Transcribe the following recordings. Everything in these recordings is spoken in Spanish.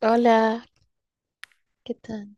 Hola, ¿qué tal?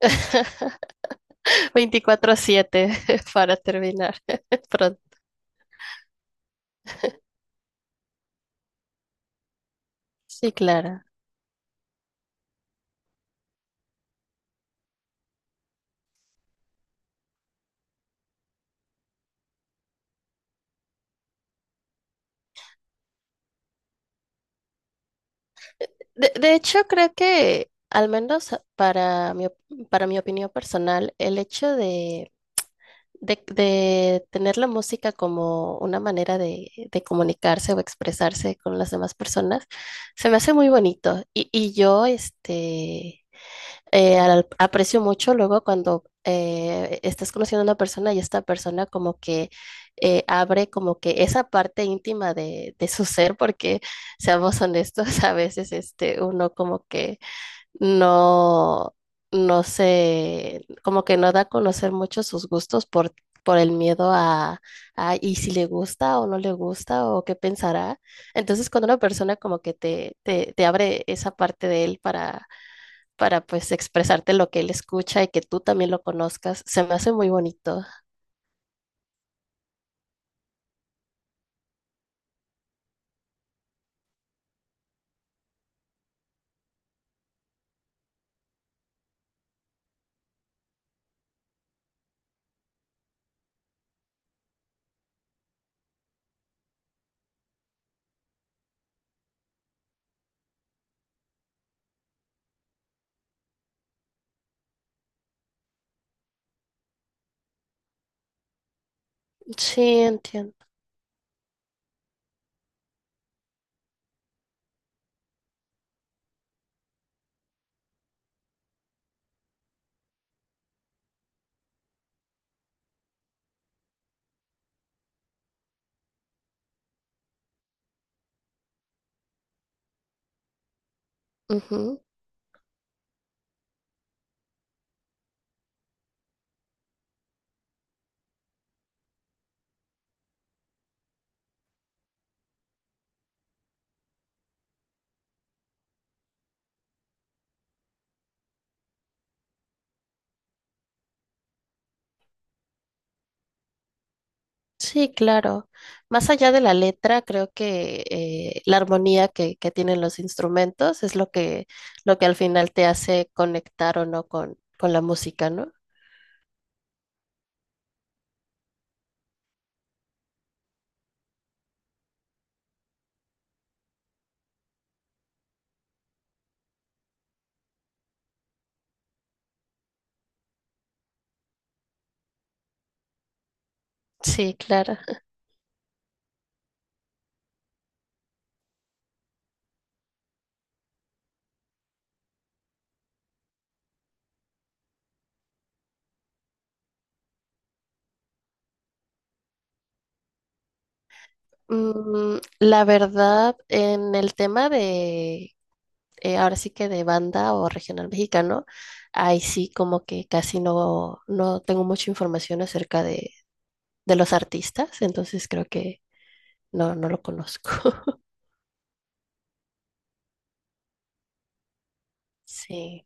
24/7 para terminar pronto. Sí, claro. De hecho, creo que, al menos para mi, para mi opinión personal, el hecho de tener la música como una manera de comunicarse o expresarse con las demás personas, se me hace muy bonito. Y yo, aprecio mucho luego cuando estás conociendo a una persona y esta persona como que abre como que esa parte íntima de su ser, porque seamos honestos, a veces este, uno como que no, no se, como que no da a conocer mucho sus gustos por el miedo y si le gusta o no le gusta o qué pensará. Entonces cuando una persona como que te abre esa parte de él para pues expresarte lo que él escucha y que tú también lo conozcas. Se me hace muy bonito. Sí, entiendo. Ujú. Sí, claro. Más allá de la letra, creo que la armonía que tienen los instrumentos es lo que al final te hace conectar o no con, con la música, ¿no? Sí, claro. La verdad, en el tema de ahora sí que de banda o regional mexicano, ahí sí como que casi no, no tengo mucha información acerca de los artistas, entonces creo que no, no lo conozco. Sí,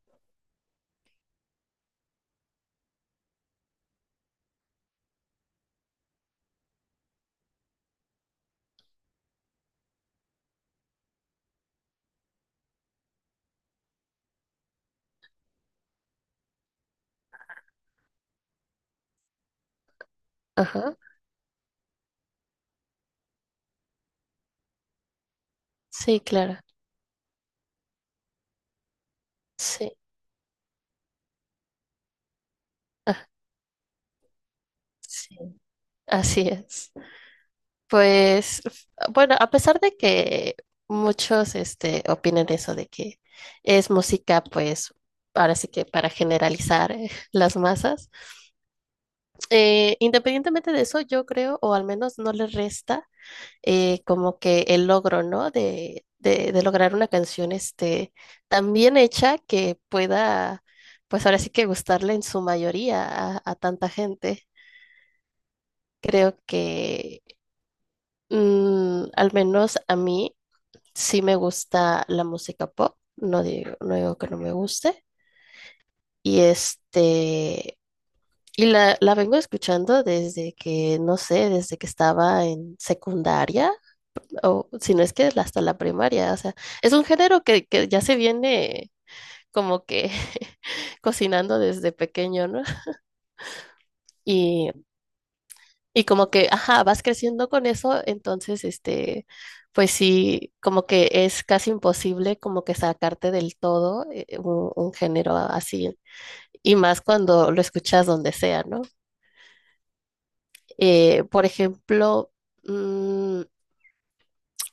ajá, sí, claro, sí, ah, sí, así es. Pues, bueno, a pesar de que muchos este, opinen eso de que es música, pues, ahora sí que para generalizar las masas. Eh, independientemente de eso, yo creo, o al menos no le resta como que el logro, ¿no? De lograr una canción este, tan bien hecha que pueda, pues ahora sí que gustarle en su mayoría a tanta gente. Creo que al menos a mí sí me gusta la música pop, no digo, no digo que no me guste. Y este, y la vengo escuchando desde que, no sé, desde que estaba en secundaria, o si no es que hasta la primaria. O sea, es un género que ya se viene como que cocinando desde pequeño, ¿no? Y, y como que, ajá, vas creciendo con eso, entonces, este, pues sí, como que es casi imposible como que sacarte del todo un género así, y más cuando lo escuchas donde sea, ¿no? Por ejemplo, mm,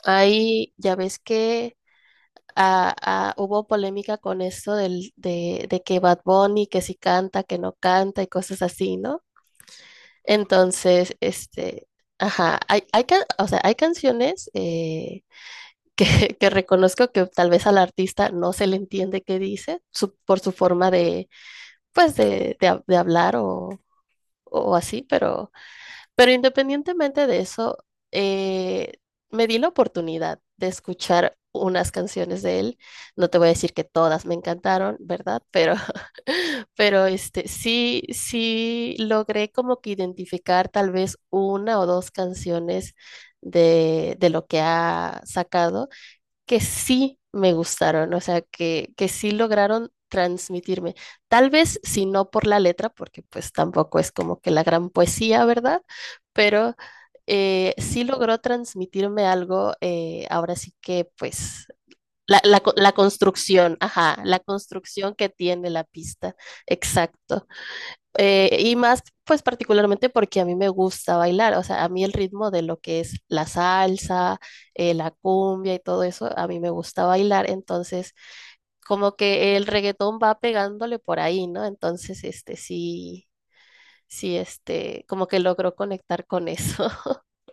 ahí ya ves que hubo polémica con esto de que Bad Bunny, que si canta, que no canta y cosas así, ¿no? Entonces, este, ajá, hay, o sea, hay canciones que, que reconozco que tal vez al artista no se le entiende qué dice por su forma de, pues, de hablar o así, pero... Pero independientemente de eso, eh, me di la oportunidad de escuchar unas canciones de él. No te voy a decir que todas me encantaron, ¿verdad? Pero, pero este, sí, sí logré como que identificar tal vez una o dos canciones de lo que ha sacado que sí me gustaron, o sea, que sí lograron transmitirme. Tal vez si no por la letra, porque pues tampoco es como que la gran poesía, ¿verdad? Pero sí logró transmitirme algo, ahora sí que pues la construcción, ajá, la construcción que tiene la pista, exacto. Y más, pues particularmente porque a mí me gusta bailar, o sea, a mí el ritmo de lo que es la salsa, la cumbia y todo eso, a mí me gusta bailar, entonces como que el reggaetón va pegándole por ahí, ¿no? Entonces, este, sí, sí, este, como que logró conectar con eso.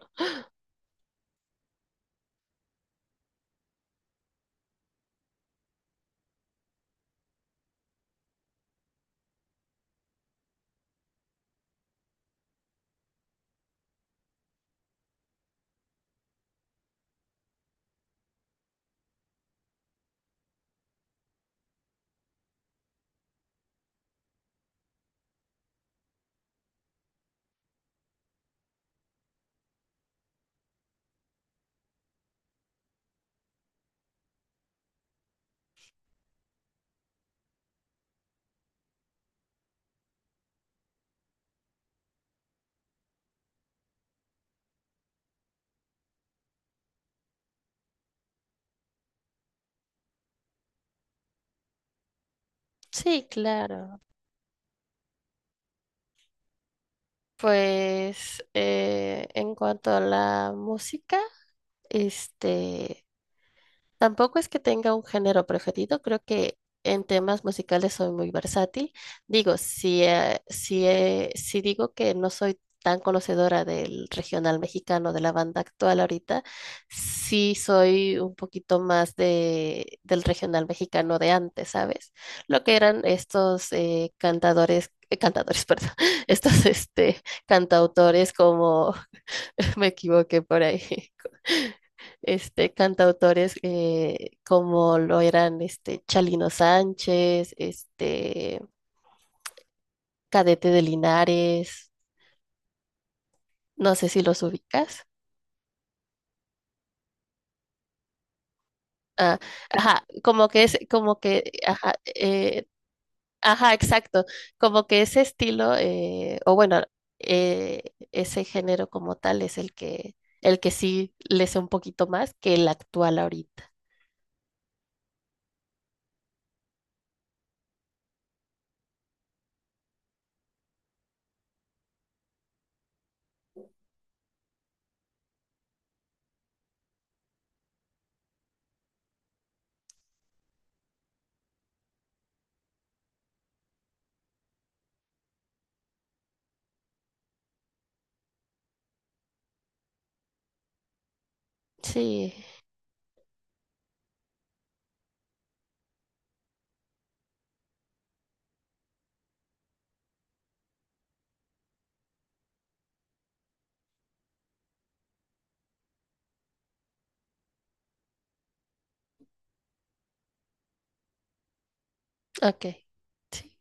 Sí, claro. Pues en cuanto a la música, este... Tampoco es que tenga un género preferido, creo que en temas musicales soy muy versátil. Digo, si digo que no soy tan conocedora del regional mexicano, de la banda actual ahorita, sí soy un poquito más de, del regional mexicano de antes, ¿sabes? Lo que eran estos cantadores, perdón, estos este, cantautores como me equivoqué por ahí este, cantautores como lo eran este, Chalino Sánchez, este, Cadete de Linares, no sé si los ubicas. Ah, ajá, como que es, como que, ajá, ajá, exacto, como que ese estilo, o bueno, eh, ese género como tal es el que sí le sé un poquito más que el actual ahorita. Sí, ok. Sí.